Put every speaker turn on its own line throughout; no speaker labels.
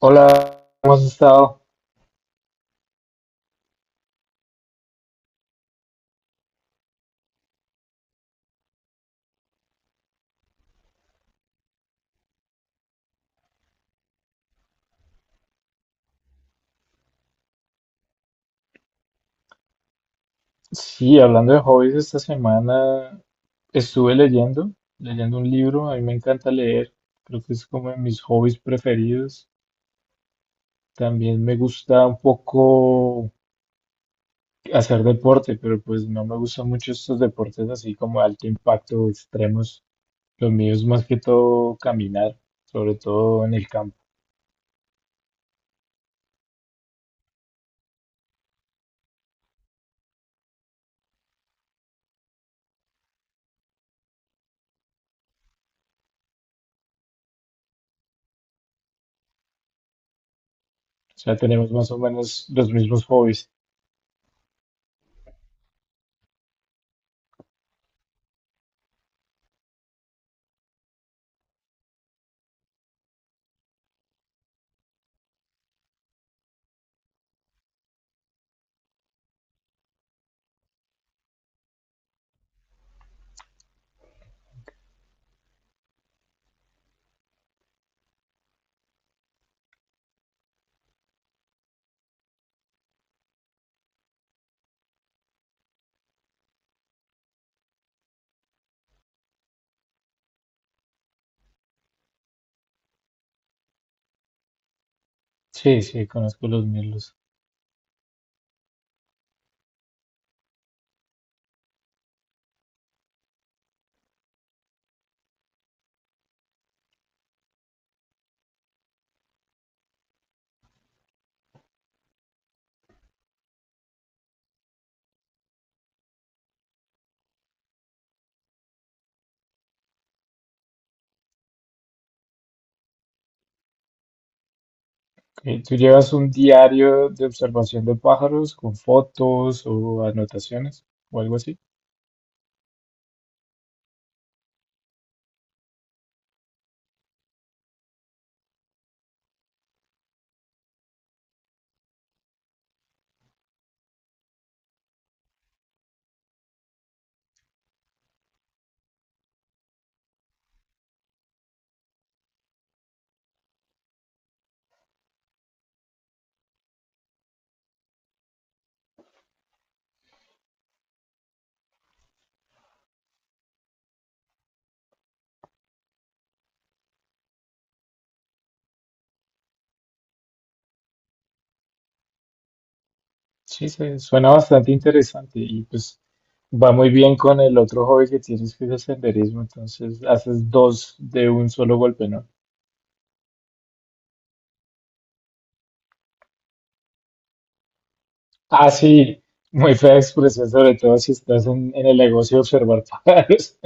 Hola, ¿cómo has estado? Sí, hablando de hobbies, esta semana estuve leyendo, un libro. A mí me encanta leer, creo que es como de mis hobbies preferidos. También me gusta un poco hacer deporte, pero pues no me gustan mucho estos deportes así como de alto impacto, extremos. Los míos más que todo caminar, sobre todo en el campo. O sea, tenemos más o menos los mismos hobbies. Sí, conozco los míos. Ok, ¿tú llevas un diario de observación de pájaros con fotos o anotaciones o algo así? Sí, suena bastante interesante, y pues va muy bien con el otro hobby que tienes, que es el senderismo. Entonces haces dos de un solo golpe, ¿no? Ah, sí, muy fea expresión, sobre todo si estás en el negocio de observar pájaros.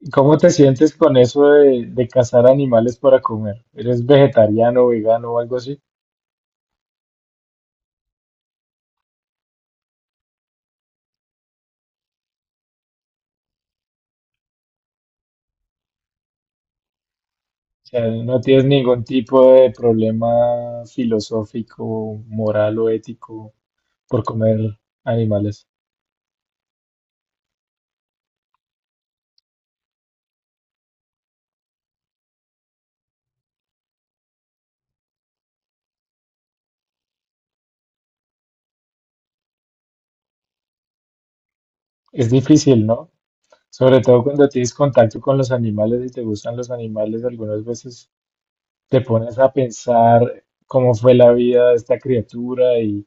¿Cómo te sientes con eso de, cazar animales para comer? ¿Eres vegetariano, vegano o algo así? Sea, no tienes ningún tipo de problema filosófico, moral o ético por comer animales. Es difícil, ¿no? Sobre todo cuando tienes contacto con los animales y te gustan los animales, algunas veces te pones a pensar cómo fue la vida de esta criatura y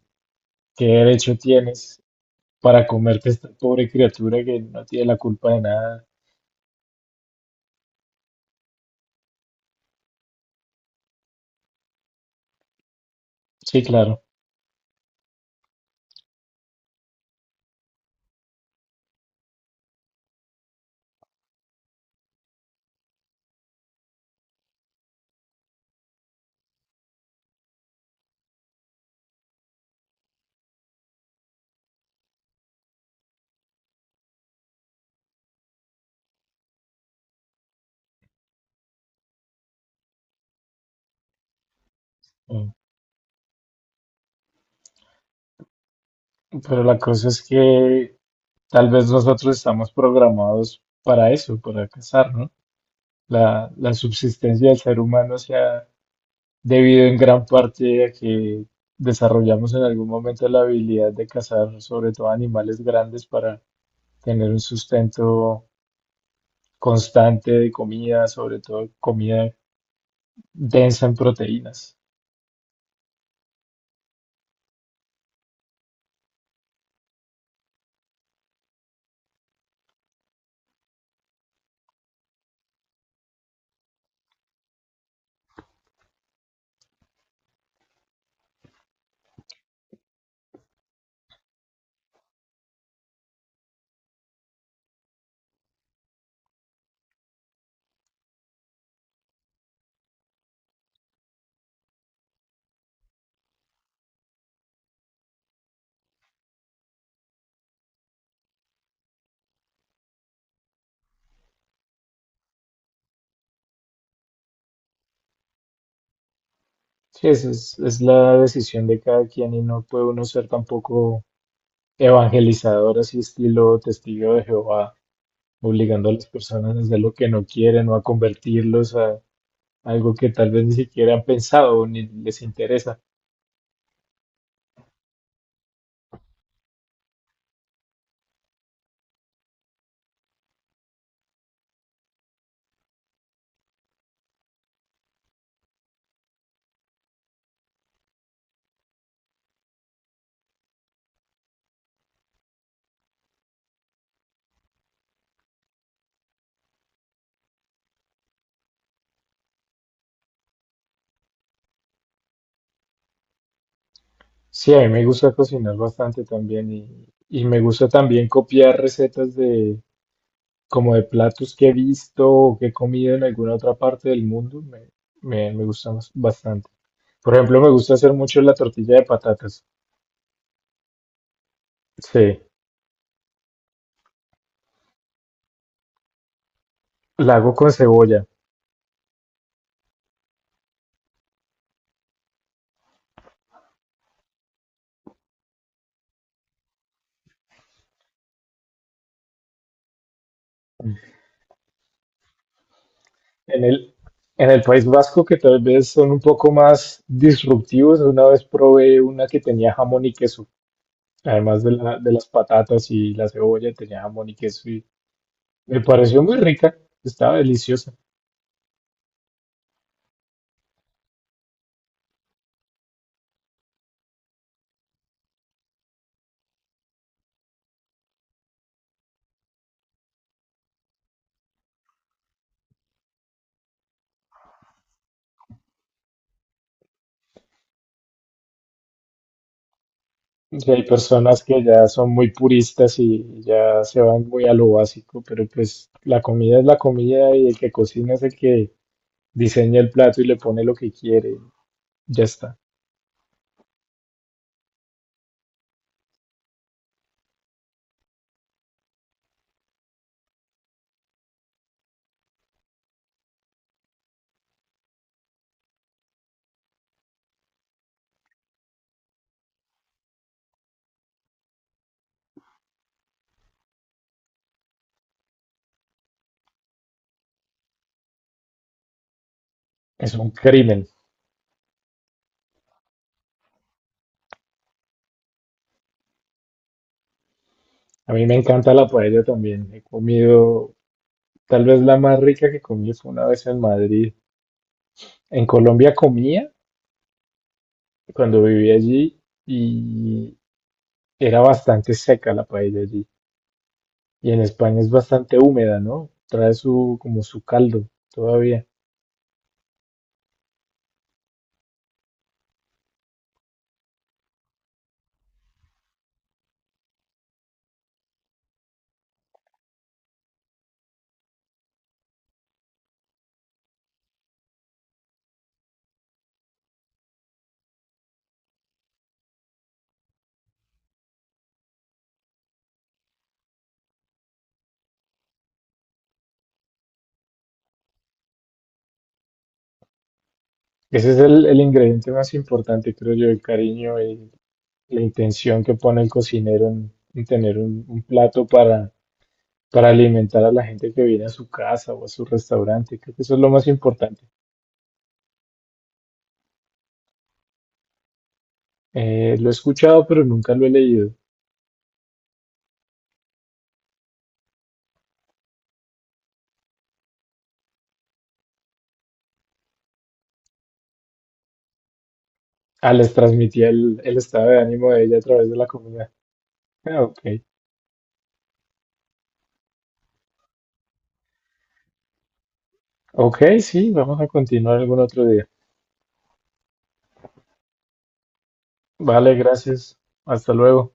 qué derecho tienes para comerte esta pobre criatura, que no tiene la culpa de nada. Sí, claro. Mm. Pero la cosa es que tal vez nosotros estamos programados para eso, para cazar, ¿no? La subsistencia del ser humano se ha debido en gran parte a que desarrollamos en algún momento la habilidad de cazar, sobre todo animales grandes, para tener un sustento constante de comida, sobre todo comida densa en proteínas. Sí, esa es la decisión de cada quien, y no puede uno ser tampoco evangelizador, así estilo testigo de Jehová, obligando a las personas a hacer lo que no quieren, o a convertirlos a algo que tal vez ni siquiera han pensado o ni les interesa. Sí, a mí me gusta cocinar bastante también, y me gusta también copiar recetas de como de platos que he visto o que he comido en alguna otra parte del mundo. Me gusta bastante. Por ejemplo, me gusta hacer mucho la tortilla de patatas. Sí, la hago con cebolla. En el, en el País Vasco, que tal vez son un poco más disruptivos, una vez probé una que tenía jamón y queso, además de las patatas y la cebolla. Tenía jamón y queso y me pareció muy rica, estaba deliciosa. O hay personas que ya son muy puristas y ya se van muy a lo básico, pero pues la comida es la comida, y el que cocina es el que diseña el plato y le pone lo que quiere, ya está. Es un crimen. A mí me encanta la paella también. He comido... Tal vez la más rica que comí fue una vez en Madrid. En Colombia comía cuando vivía allí, y era bastante seca la paella allí. Y en España es bastante húmeda, ¿no? Trae su, como su caldo todavía. Ese es el ingrediente más importante, creo yo, el cariño y la intención que pone el cocinero en, tener un plato para, alimentar a la gente que viene a su casa o a su restaurante. Creo que eso es lo más importante. Lo he escuchado, pero nunca lo he leído. Ah, les transmitía el estado de ánimo de ella a través de la comida. Ah, ok. Ok, sí, vamos a continuar algún otro día. Vale, gracias. Hasta luego.